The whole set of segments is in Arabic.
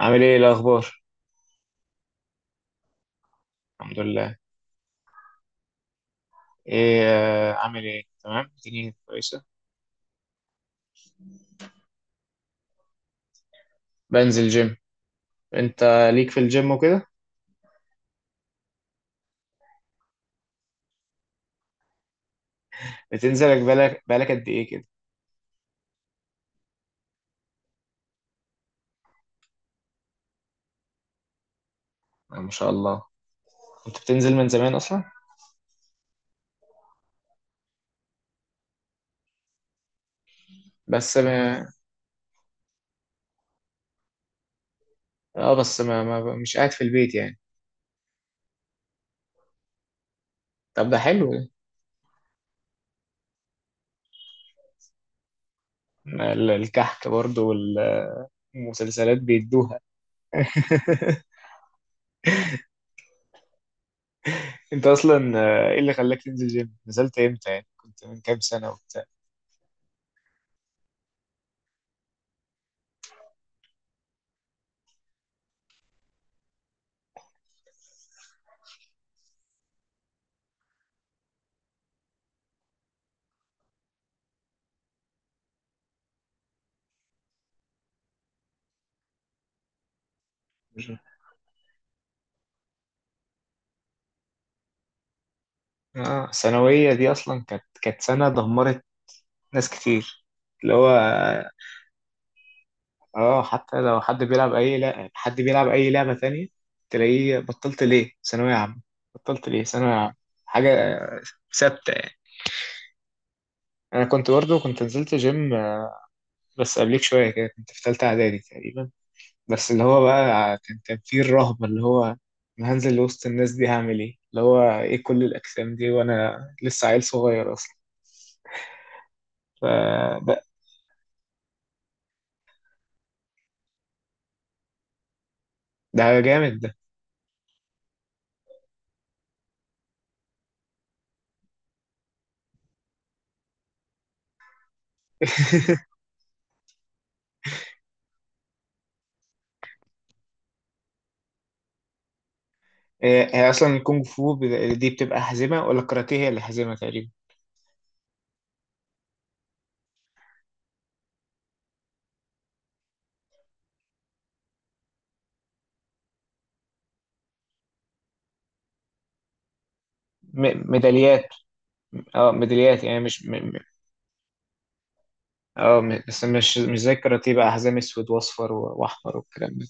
عامل ايه الاخبار؟ الحمد لله. ايه عامل ايه؟ تمام، الدنيا كويسه. بنزل جيم. انت ليك في الجيم وكده؟ بتنزلك بالك قد ايه كده؟ ما شاء الله، كنت بتنزل من زمان اصلا. بس ما... اه بس ما... ما مش قاعد في البيت يعني. طب ده حلو ده. الكحك برضه والمسلسلات بيدوها. انت اصلا، ايه اللي خلاك تنزل جيم؟ نزلت امتى يعني؟ كنت من كام سنه وبتاع؟ الثانويه دي اصلا كانت سنه دمرت ناس كتير، اللي هو، اه، حتى لو حد بيلعب اي، لا، حد بيلعب اي لعبة تانية، تلاقيه بطلت ليه ثانوية عامة، حاجة ثابتة يعني. انا كنت برضه نزلت جيم، بس قبليك شوية كده، كنت في تالتة اعدادي تقريبا. بس اللي هو بقى، كان فيه الرهبة، اللي هو انا هنزل وسط الناس دي هعمل ايه؟ اللي هو ايه كل الاجسام دي وانا لسه عيل صغير اصلا؟ فده. ده جامد ده. هي اصلا الكونغ فو دي بتبقى حزمه ولا الكاراتيه هي اللي حزمه تقريبا؟ ميداليات. اه، ميداليات يعني، مش بس مش زي الكاراتيه بقى، حزام اسود واصفر واحمر والكلام ده؟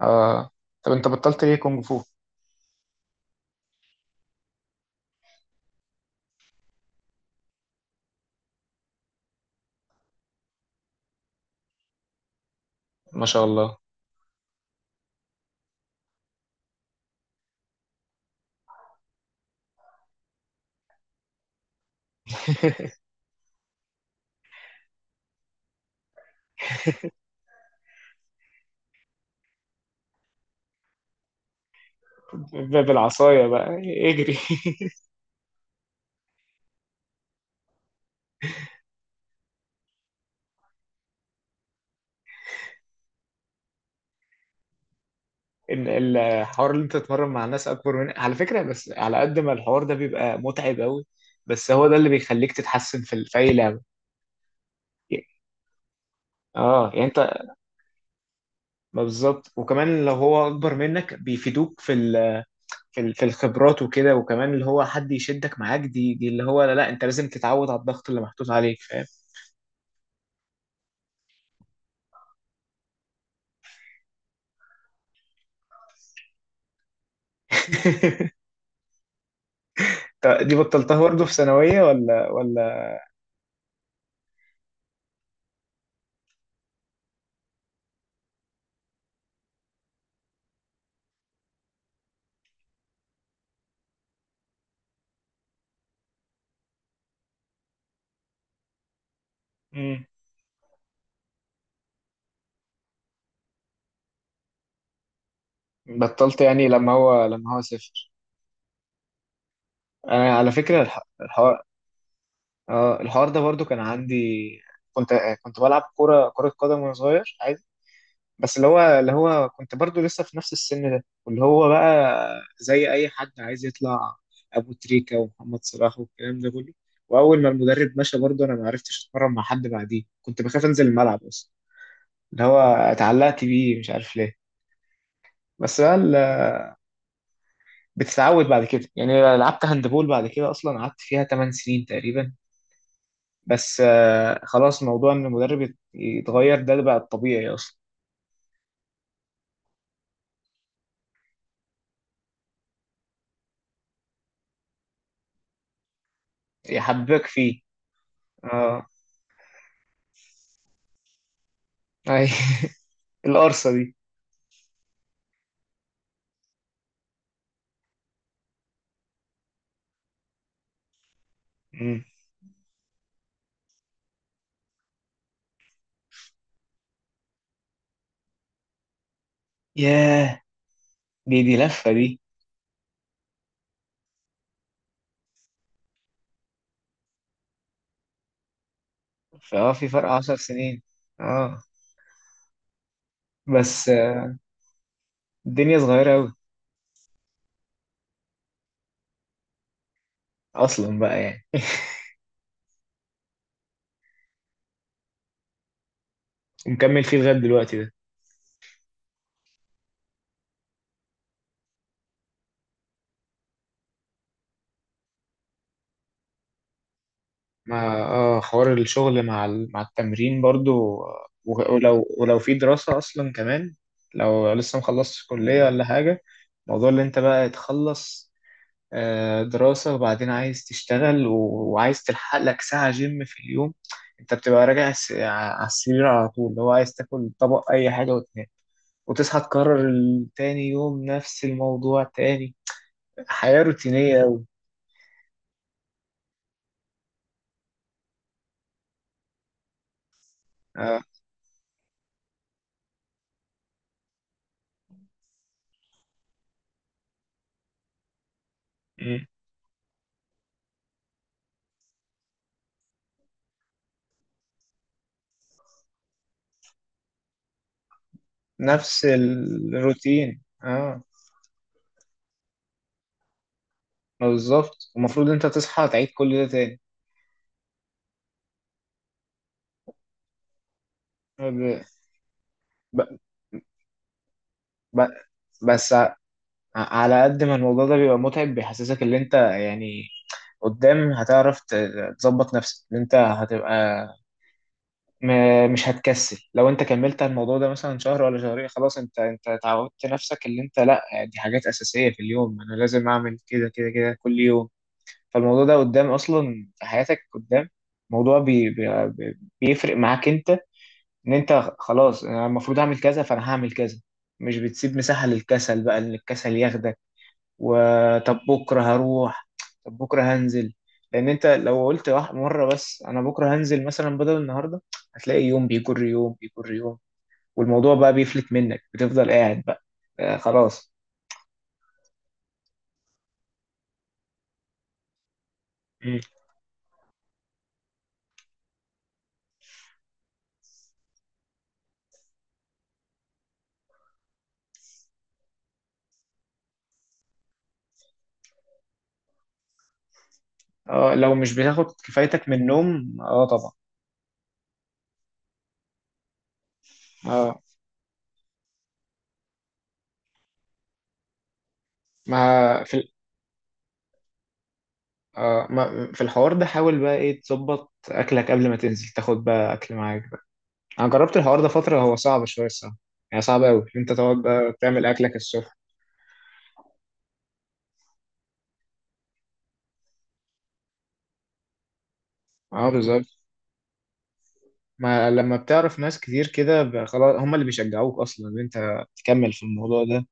اه. طب انت بطلت ليه كونغ فو؟ ما شاء الله. بالعصايه بقى، اجري. إن الحوار اللي انت تتمرن مع ناس اكبر منك على فكره، بس على قد ما الحوار ده بيبقى متعب قوي، بس هو ده اللي بيخليك تتحسن في في اي لعبه. اه يعني. ما بالظبط، وكمان لو هو اكبر منك بيفيدوك في في الخبرات وكده، وكمان اللي هو حد يشدك معاك، دي اللي هو، لا، لا انت لازم تتعود على الضغط اللي محطوط عليك، فاهم؟ طب دي بطلتها برضه في ثانوية ولا؟ مم. بطلت يعني لما هو سافر؟ انا على فكرة الحوار، اه الحوار ده برضه كان عندي. كنت كنت بلعب كرة قدم وانا صغير، بس اللي هو كنت برضو لسه في نفس السن ده، واللي هو بقى زي اي حد عايز يطلع ابو تريكة ومحمد صلاح والكلام ده كله. واول ما المدرب مشى، برضو انا ما عرفتش اتمرن مع حد بعديه، كنت بخاف انزل الملعب اصلا، اللي هو اتعلقت بيه مش عارف ليه. بس بقى بتتعود بعد كده يعني. لعبت هاندبول بعد كده اصلا، قعدت فيها 8 سنين تقريبا. بس خلاص موضوع ان المدرب يتغير ده بقى الطبيعي اصلا. يحببك فيه. اه. اي. القرصة دي. ياه، دي لفة دي. فاه، في فرق 10 سنين. اه. بس الدنيا صغيرة أوي. أصلا بقى يعني. ومكمل فيه لغاية دلوقتي ده؟ مع، حوار الشغل مع مع التمرين برضو، ولو في دراسة أصلا كمان، لو لسه مخلصتش كلية ولا حاجة. موضوع اللي أنت بقى تخلص دراسة وبعدين عايز تشتغل وعايز تلحق لك ساعة جيم في اليوم، أنت بتبقى راجع على السرير على طول، اللي هو عايز تاكل طبق أي حاجة وتنام، وتصحى تكرر تاني يوم نفس الموضوع تاني. حياة روتينية أوي. آه. مم. نفس الروتين. اه، بالظبط، المفروض انت تصحى تعيد كل ده تاني. ب... ب... ب... بس على قد ما الموضوع ده بيبقى متعب، بيحسسك ان انت يعني قدام هتعرف تظبط نفسك، ان انت هتبقى مش هتكسل. لو انت كملت على الموضوع ده مثلا شهر ولا شهرين خلاص، انت تعودت نفسك، اللي انت، لا، دي حاجات اساسيه في اليوم انا لازم اعمل كده كده كده كل يوم. فالموضوع ده قدام اصلا في حياتك، قدام موضوع بيفرق معاك انت، ان انت خلاص انا المفروض اعمل كذا فانا هعمل كذا. مش بتسيب مساحه للكسل بقى ان الكسل ياخدك، وطب بكره هروح، طب بكره هنزل. لان انت لو قلت واحد مره بس انا بكره هنزل مثلا بدل النهارده، هتلاقي يوم بيجر يوم بيجر يوم، والموضوع بقى بيفلت منك، بتفضل قاعد بقى. آه، خلاص. مم. اه، لو مش بتاخد كفايتك من النوم، اه، طبعا. اه. ما في ال- ما في الحوار ده، حاول بقى ايه تظبط اكلك قبل ما تنزل، تاخد بقى اكل معاك بقى. انا جربت الحوار ده فتره، هو صعب شويه الصراحه، يعني صعب قوي انت تقعد بقى تعمل اكلك الصبح. اه، بالظبط. ما لما بتعرف ناس كتير كده، خلاص هم اللي بيشجعوك اصلا ان انت تكمل في الموضوع ده.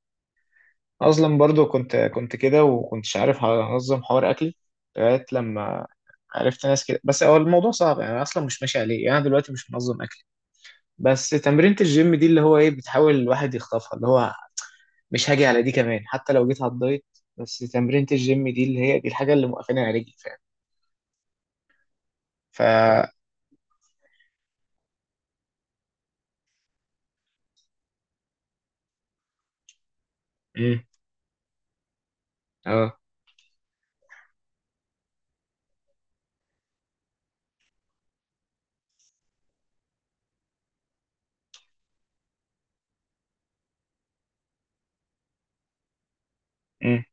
اصلا برضو كنت كده وكنتش عارف انظم حوار اكلي لغايه لما عرفت ناس كده، بس هو الموضوع صعب يعني، انا اصلا مش ماشي عليه يعني، انا دلوقتي مش منظم اكلي. بس تمرينة الجيم دي اللي هو ايه بتحاول الواحد يخطفها، اللي هو مش هاجي على دي كمان حتى لو جيت على الدايت. بس تمرينة الجيم دي اللي هي دي الحاجه اللي موقفاني على رجلي، فاهم؟ ف امم. اه. امم.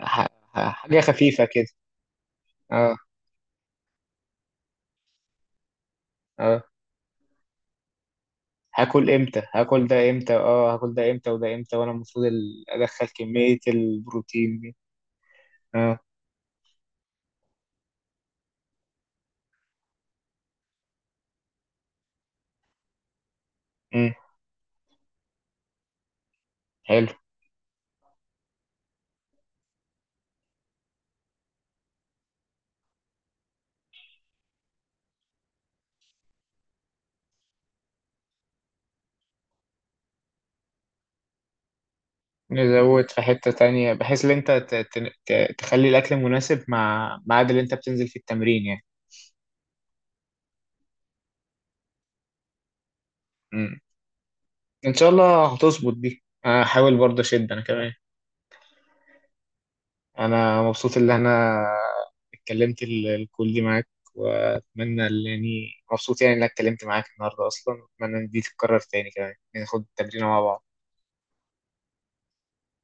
ح- حاجه خفيفه كده. اه. اه. هاكل امتى؟ هاكل ده امتى؟ اه، هاكل ده امتى وده امتى وانا المفروض ادخل كمية البروتين دي؟ اه. امم. حلو. نزود في حتة تانية بحيث ان انت تخلي الاكل مناسب مع ميعاد اللي انت بتنزل في التمرين يعني. امم. ان شاء الله هتظبط دي، انا هحاول برضه اشد انا كمان. انا مبسوط ان انا اتكلمت الكل دي معاك، واتمنى يعني، مبسوط يعني انك اتكلمت معاك النهارده اصلا، واتمنى ان دي تتكرر تاني كمان ناخد التمرين مع بعض.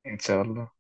ان شاء الله.